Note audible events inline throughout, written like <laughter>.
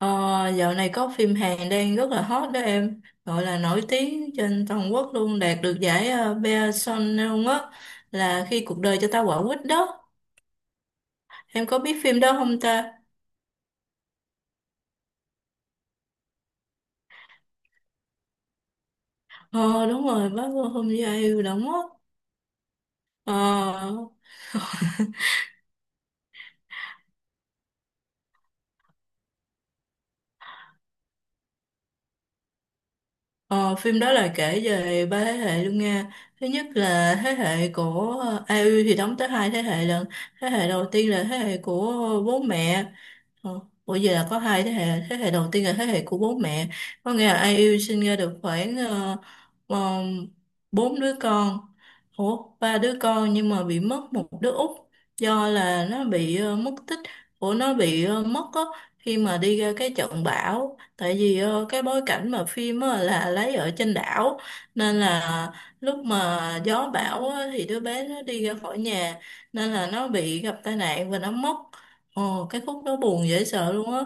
Ờ, dạo này có phim Hàn đang rất là hot đó em, gọi là nổi tiếng trên toàn quốc luôn, đạt được giải Bea Sonneung á, là Khi cuộc đời cho ta quả quýt đó. Em có biết phim đó không ta? Ờ, đúng rồi, bác Vô Hôm Gia Yêu đóng á. Ờ, ờ, phim đó là kể về ba thế hệ luôn nha. Thứ nhất là thế hệ của u thì đóng tới hai thế hệ lần. Thế hệ đầu tiên là thế hệ của bố mẹ. Ờ, bởi vì là có hai thế hệ đầu tiên là thế hệ của bố mẹ, có nghĩa là Ai Yêu sinh ra được khoảng ờ, bốn đứa con, ủa ba đứa con, nhưng mà bị mất một đứa út do là nó bị mất tích, của nó bị mất á khi mà đi ra cái trận bão. Tại vì cái bối cảnh mà phim á là lấy ở trên đảo, nên là lúc mà gió bão á thì đứa bé nó đi ra khỏi nhà, nên là nó bị gặp tai nạn và nó mất. Ồ, cái khúc đó buồn dễ sợ luôn á.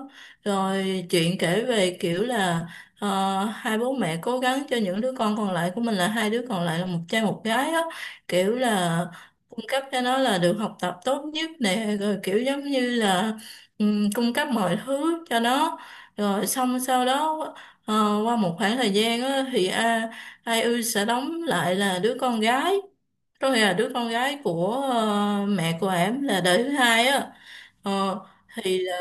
Rồi chuyện kể về kiểu là hai bố mẹ cố gắng cho những đứa con còn lại của mình, là hai đứa còn lại là một trai một gái á, kiểu là cung cấp cho nó là được học tập tốt nhất nè, rồi kiểu giống như là cung cấp mọi thứ cho nó. Rồi xong sau đó ờ, qua một khoảng thời gian á thì Ai Ư sẽ đóng lại là đứa con gái, rồi là đứa con gái của mẹ của em là đời thứ hai á. Ờ, thì là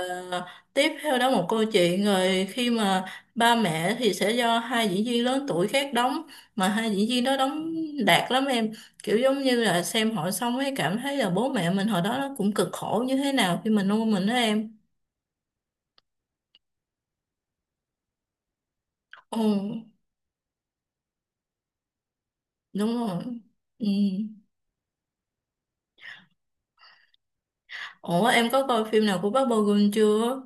tiếp theo đó một câu chuyện rồi khi mà ba mẹ thì sẽ do hai diễn viên lớn tuổi khác đóng, mà hai diễn viên đó đóng đạt lắm em, kiểu giống như là xem họ xong ấy cảm thấy là bố mẹ mình hồi đó nó cũng cực khổ như thế nào khi mà nuôi mình đó em. Ừ, đúng rồi. Ừ. Ủa em có coi phim nào của Park Bo Gum chưa?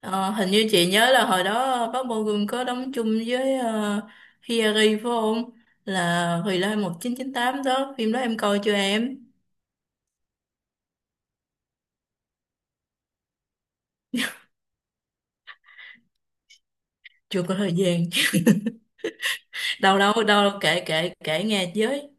Ờ, hình như chị nhớ là hồi đó bác Bo Gum có đóng chung với Hiari phải không? Là Hồi Lai 1998 đó, phim đó em coi chưa em? Chưa có thời gian. <laughs> Đâu đâu đâu, kể kể kể nghe với.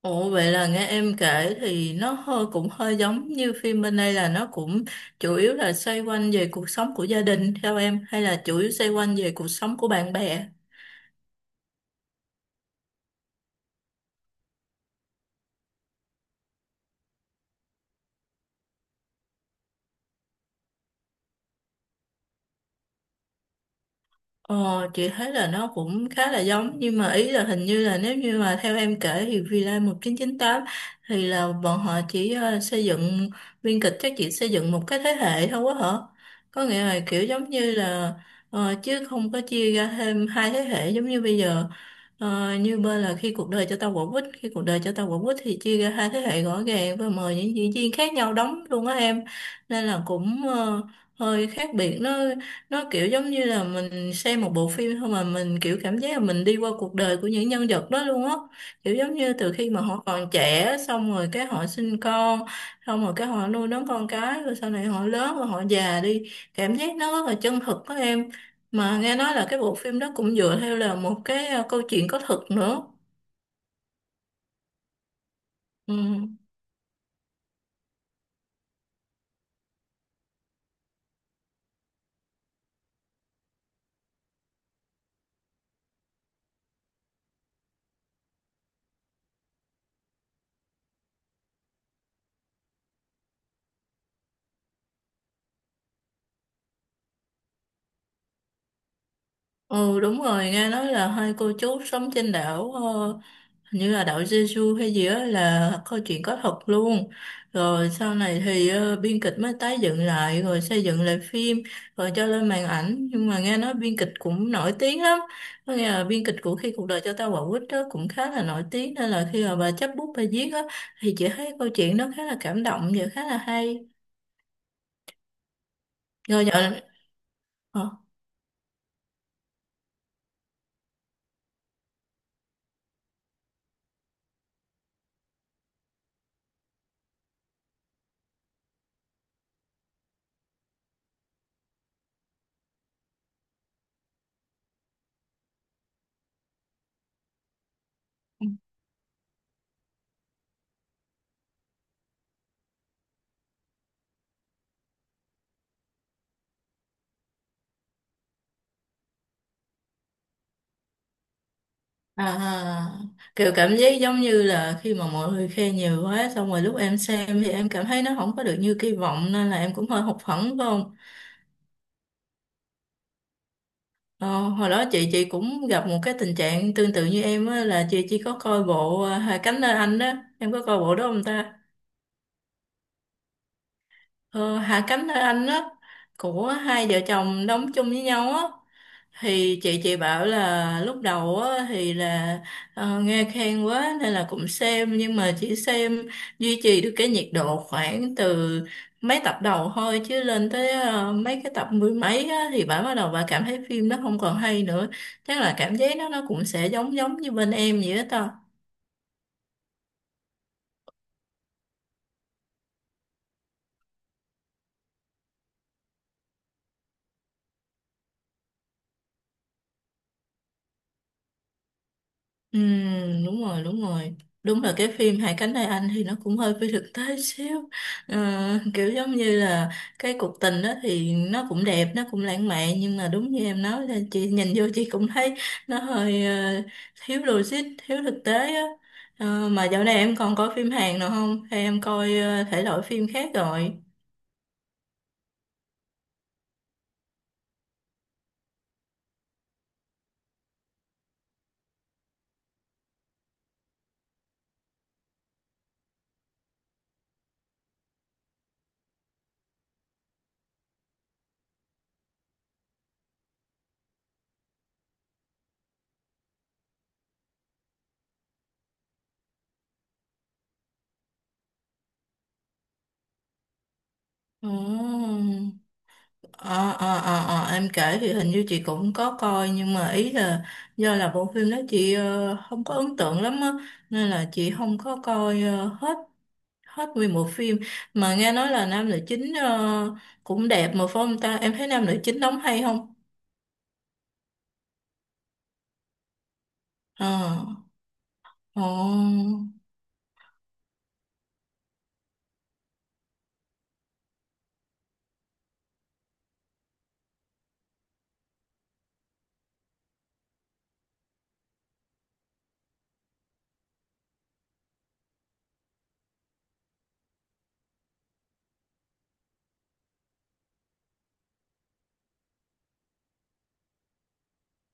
Ồ, vậy là nghe em kể thì nó hơi cũng hơi giống như phim bên đây, là nó cũng chủ yếu là xoay quanh về cuộc sống của gia đình theo em, hay là chủ yếu xoay quanh về cuộc sống của bạn bè? Ờ, chị thấy là nó cũng khá là giống, nhưng mà ý là hình như là nếu như mà theo em kể thì Villa 1998 thì là bọn họ chỉ xây dựng biên kịch, chắc chỉ xây dựng một cái thế hệ thôi quá hả? Có nghĩa là kiểu giống như là chứ không có chia ra thêm hai thế hệ giống như bây giờ. Ờ, như bên là Khi cuộc đời cho tao quả quýt, khi cuộc đời cho tao quả quýt thì chia ra hai thế hệ rõ ràng và mời những diễn viên khác nhau đóng luôn á em. Nên là cũng hơi khác biệt. Nó kiểu giống như là mình xem một bộ phim thôi mà mình kiểu cảm giác là mình đi qua cuộc đời của những nhân vật đó luôn á. Kiểu giống như từ khi mà họ còn trẻ xong rồi cái họ sinh con, xong rồi cái họ nuôi nấng con cái rồi sau này họ lớn rồi họ già đi. Cảm giác nó rất là chân thực đó em. Mà nghe nói là cái bộ phim đó cũng dựa theo là một cái câu chuyện có thật nữa. Ừ. Ừ, đúng rồi, nghe nói là hai cô chú sống trên đảo hình như là đảo Jeju hay gì đó, là câu chuyện có thật luôn. Rồi sau này thì biên kịch mới tái dựng lại rồi xây dựng lại phim, rồi cho lên màn ảnh, nhưng mà nghe nói biên kịch cũng nổi tiếng lắm. Có nghĩa là biên kịch của Khi cuộc đời cho ta quả quýt đó cũng khá là nổi tiếng, nên là khi mà bà chấp bút bà viết á thì chị thấy câu chuyện nó khá là cảm động và khá là hay. Rồi nhận. À, kiểu cảm giác giống như là khi mà mọi người khen nhiều quá xong rồi lúc em xem thì em cảm thấy nó không có được như kỳ vọng, nên là em cũng hơi hụt hẫng phải không? Ờ, hồi đó chị cũng gặp một cái tình trạng tương tự như em á, là chị chỉ có coi bộ Hạ cánh nơi Anh đó, em có coi bộ đó không ta? Ờ, Hạ cánh nơi Anh đó, của hai vợ chồng đóng chung với nhau á. Thì chị bảo là lúc đầu á thì là nghe khen quá nên là cũng xem, nhưng mà chỉ xem duy trì được cái nhiệt độ khoảng từ mấy tập đầu thôi, chứ lên tới mấy cái tập mười mấy á thì bà bắt đầu bà cảm thấy phim nó không còn hay nữa. Chắc là cảm giác nó cũng sẽ giống giống như bên em vậy đó. Ừ, đúng rồi đúng rồi. Đúng là cái phim Hai cánh tay anh thì nó cũng hơi phi thực tế xíu. Ờ, kiểu giống như là cái cuộc tình đó thì nó cũng đẹp nó cũng lãng mạn, nhưng mà đúng như em nói là chị nhìn vô chị cũng thấy nó hơi thiếu logic, thiếu thực tế á. Ờ, mà dạo này em còn coi phim Hàn nào không, hay em coi thể loại phim khác rồi? Ồ. Em kể thì hình như chị cũng có coi, nhưng mà ý là do là bộ phim đó chị không có ấn tượng lắm á, nên là chị không có coi hết hết nguyên bộ phim. Mà nghe nói là nam nữ chính cũng đẹp mà phải không ta, em thấy nam nữ chính đóng hay không? Ờ. Ồ.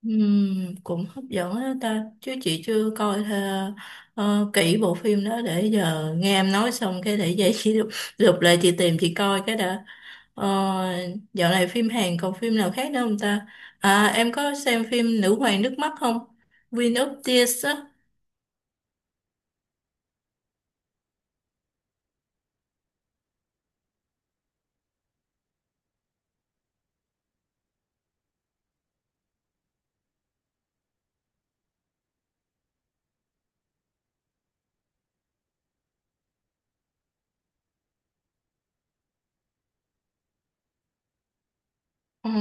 Cũng hấp dẫn đó ta, chứ chị chưa coi kỹ bộ phim đó. Để giờ nghe em nói xong cái để vậy chị <laughs> lục lại chị tìm chị coi cái đã. Ờ, dạo này phim Hàn còn phim nào khác nữa không ta? À, em có xem phim Nữ hoàng nước mắt không, Queen of Tears á? Ờ,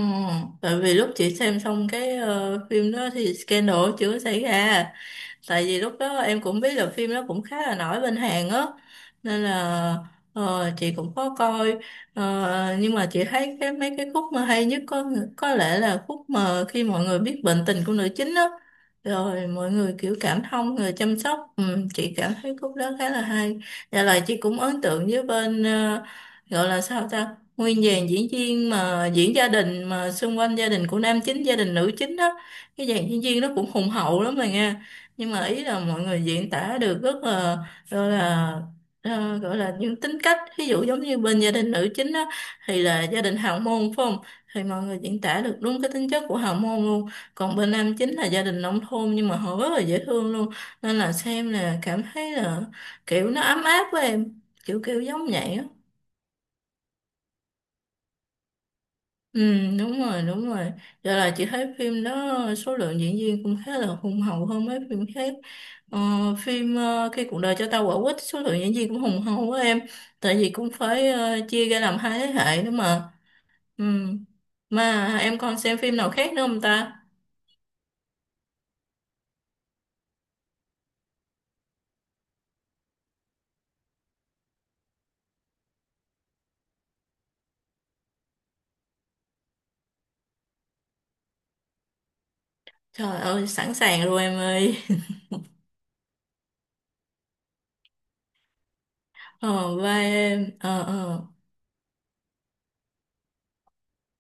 tại vì lúc chị xem xong cái phim đó thì scandal chưa có xảy ra, tại vì lúc đó em cũng biết là phim đó cũng khá là nổi bên Hàn á, nên là chị cũng có coi. Ờ, nhưng mà chị thấy cái mấy cái khúc mà hay nhất có lẽ là khúc mà khi mọi người biết bệnh tình của nữ chính á, rồi mọi người kiểu cảm thông người chăm sóc. Ừ, chị cảm thấy khúc đó khá là hay và lại chị cũng ấn tượng với bên gọi là sao ta, nguyên dàn diễn viên mà diễn gia đình mà xung quanh gia đình của nam chính, gia đình nữ chính đó, cái dàn diễn viên nó cũng hùng hậu lắm rồi nha. Nhưng mà ý là mọi người diễn tả được rất là gọi là gọi là những tính cách, ví dụ giống như bên gia đình nữ chính đó thì là gia đình hào môn phải không, thì mọi người diễn tả được đúng cái tính chất của hào môn luôn. Còn bên nam chính là gia đình nông thôn nhưng mà họ rất là dễ thương luôn, nên là xem là cảm thấy là kiểu nó ấm áp với em, kiểu kiểu giống vậy á. Ừ, đúng rồi, đúng rồi. Giờ là chị thấy phim đó số lượng diễn viên cũng khá là hùng hậu hơn mấy phim khác. Ờ, phim Khi cuộc đời cho ta quả quýt số lượng diễn viên cũng hùng hậu quá em. Tại vì cũng phải chia ra làm hai thế hệ nữa mà. Ừ. Mà em còn xem phim nào khác nữa không ta? Trời ơi, sẵn sàng rồi em ơi. <laughs> Ờ, vai em. Ờ, ờ.